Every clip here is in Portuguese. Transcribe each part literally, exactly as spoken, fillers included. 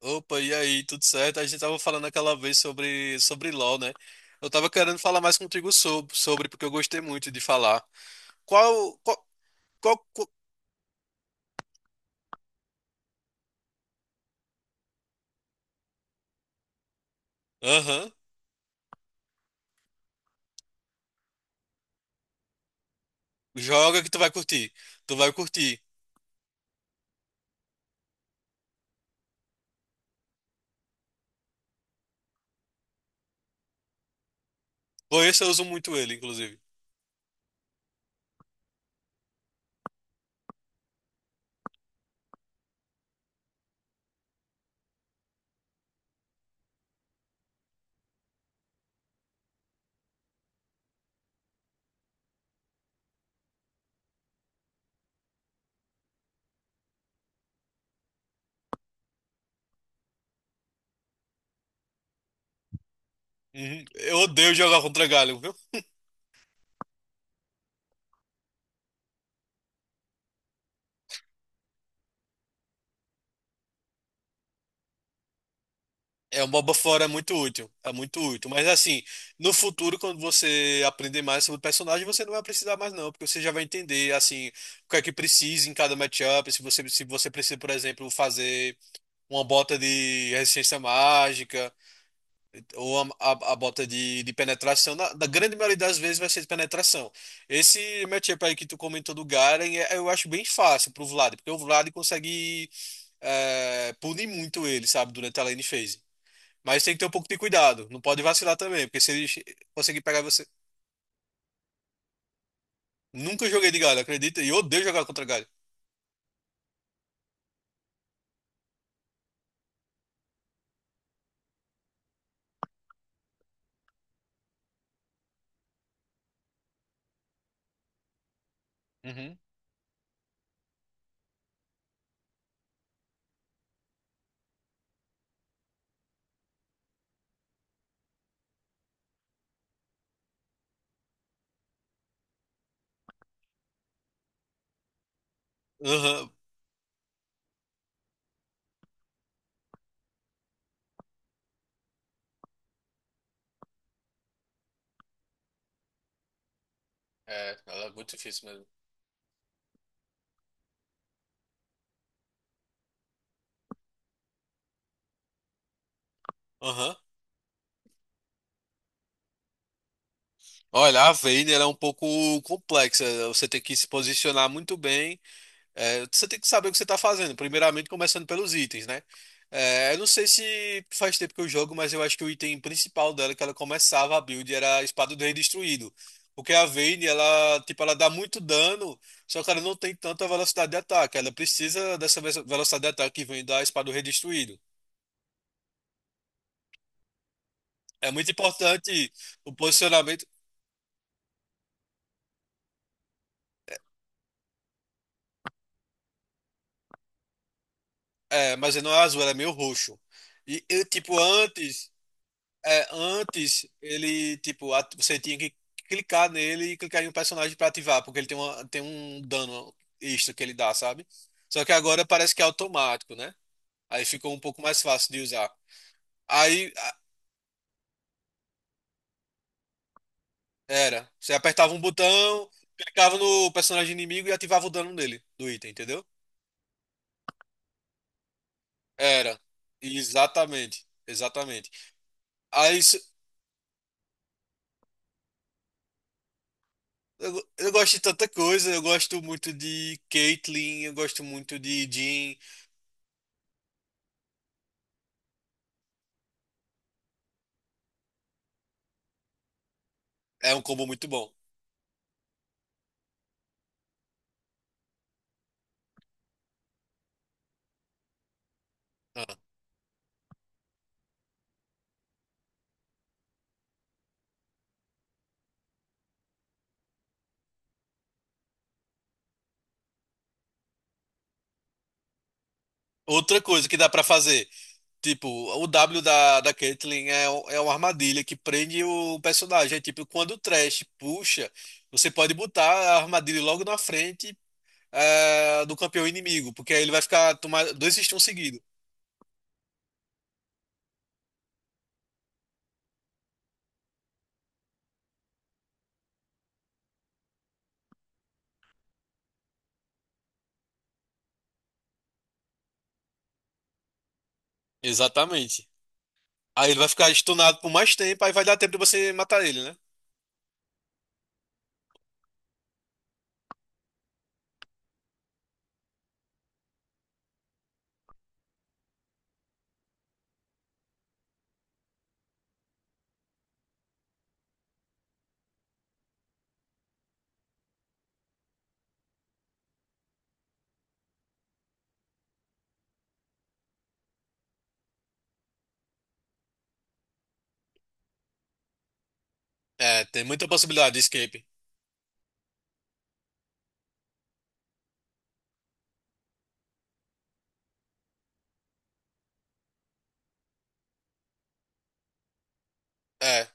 Opa, e aí, tudo certo? A gente tava falando aquela vez sobre, sobre LoL, né? Eu tava querendo falar mais contigo sobre, sobre porque eu gostei muito de falar. Qual, qual, qual, qual... Aham, joga que tu vai curtir. Tu vai curtir. Por isso eu uso muito ele, inclusive. Uhum. Eu odeio jogar contra Galho, viu? É, o MOBA fora é muito útil, é muito útil. Mas assim, no futuro, quando você aprender mais sobre o personagem, você não vai precisar mais não, porque você já vai entender, assim, o que é que precisa em cada matchup, se você, se você precisa, por exemplo, fazer uma bota de resistência mágica, ou a, a- a bota de, de penetração. Na, na grande maioria das vezes vai ser de penetração. Esse matchup aí que tu comentou do Garen, é- eu acho bem fácil pro Vlad, porque o Vlad consegue é, punir muito ele, sabe, durante a lane phase. Mas tem que ter um pouco de cuidado, não pode vacilar também, porque se ele che- conseguir pegar você. Nunca joguei de Garen, acredita? E eu odeio jogar contra Garen. Uhum. Aham. É, ela é muito difícil mesmo. Aham. Olha, a Vayner é um pouco complexa. Você tem que se posicionar muito bem. É, você tem que saber o que você está fazendo. Primeiramente, começando pelos itens, né? É, eu não sei se faz tempo que eu jogo, mas eu acho que o item principal dela que ela começava a build era a Espada do Rei Destruído. Porque a Vayne, ela, tipo, ela dá muito dano, só que ela não tem tanta velocidade de ataque. Ela precisa dessa ve- velocidade de ataque que vem da Espada do Rei Destruído. É muito importante o posicionamento. É, mas não é azul, ela é meio roxo. E eu, tipo, antes. É, antes ele, tipo, at- você tinha que clicar nele e clicar em um personagem pra ativar, porque ele tem, uma, tem um dano extra que ele dá, sabe? Só que agora parece que é automático, né? Aí ficou um pouco mais fácil de usar. Aí a- Era, você apertava um botão, clicava no personagem inimigo e ativava o dano dele, do item, entendeu? Era. Exatamente. Exatamente. Aí isso- eu, eu gosto de tanta coisa, eu gosto muito de Caitlyn, eu gosto muito de Jhin, é um combo muito bom. Ah. Outra coisa que dá pra fazer, tipo, o W da, da Caitlyn é, um- é uma armadilha que prende o personagem. É tipo, quando o Thresh puxa, você pode botar a armadilha logo na frente eh, do campeão inimigo, porque aí ele vai ficar tomar dois stuns seguidos. Exatamente. Aí ele vai ficar stunado por mais tempo, aí vai dar tempo de você matar ele, né? É, tem muita possibilidade de escape. É.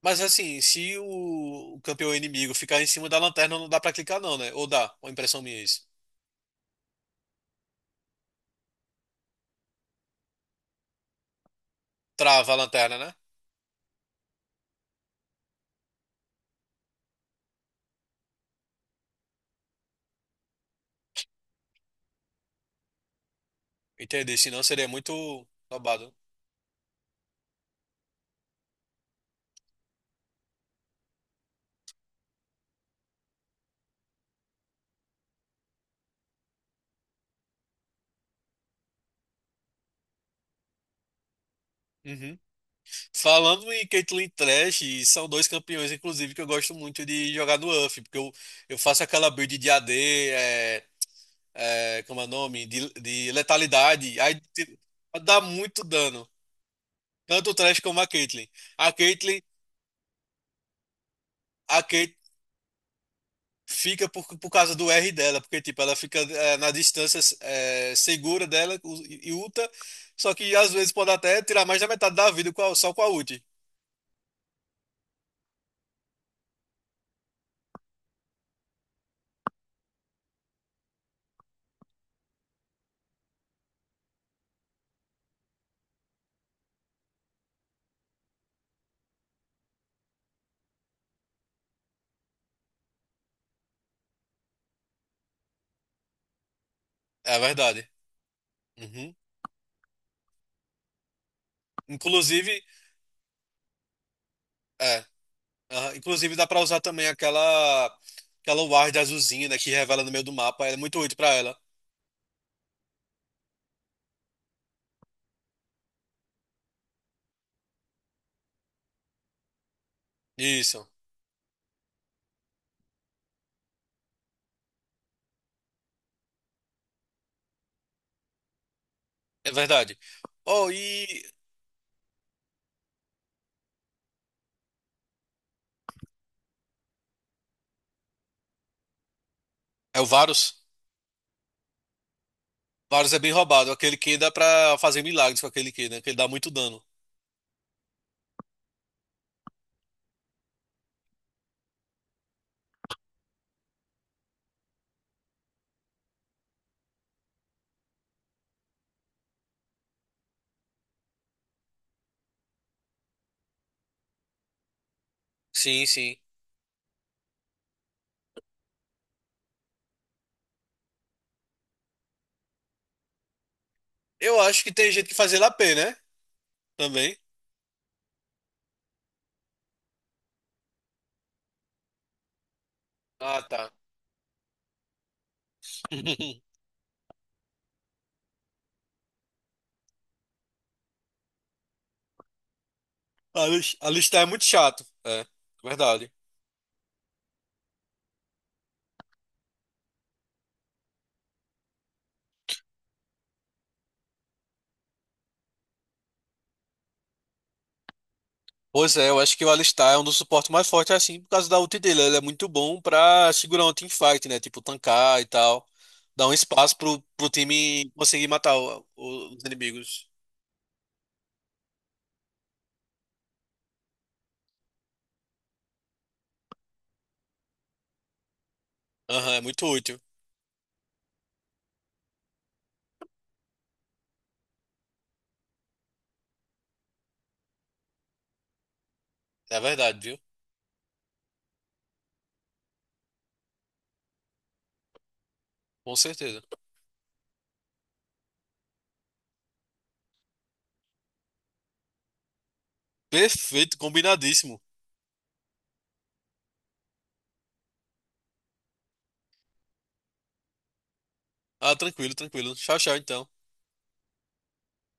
Mas assim, se o, o campeão inimigo ficar em cima da lanterna, não dá pra clicar não, né? Ou dá, uma impressão minha é isso. Trava a lanterna, né? Entendi, senão seria muito roubado. Uhum. Falando em Caitlyn Trash, são dois campeões, inclusive, que eu gosto muito de jogar no U F, porque eu, eu faço aquela build de A D, é, é, como é o nome? De, de letalidade, aí te- dá muito dano, tanto o Trash como a Caitlyn. A Caitlyn, a Caitlyn fica por, por causa do R dela, porque tipo, ela fica eh, na distância eh, segura dela u- e ulta, só que às vezes pode até tirar mais da metade da vida com a- só com a ult. É verdade. Uhum. Inclusive, é, aham, inclusive dá pra usar também aquela aquela ward azulzinha, né, que revela no meio do mapa, ela é muito útil pra ela. Isso. É verdade. Oh, e. É o Varus. Varus é bem roubado. Aquele que dá pra fazer milagres com aquele que, né? Que ele dá muito dano. Sim, sim. Eu acho que tem gente que faz ele A P, né? Também. Ah, tá. A Alistar é muito chato. É, verdade. Pois é, eu acho que o Alistar é um dos suportes mais fortes, assim, por causa da ult dele. Ele é muito bom pra segurar um teamfight, né? Tipo, tancar e tal. Dar um espaço pro, pro time conseguir matar o- o- os inimigos. Aham, é muito útil. É verdade, viu? Com certeza. Perfeito, combinadíssimo. Ah, tranquilo, tranquilo. Tchau, tchau, então.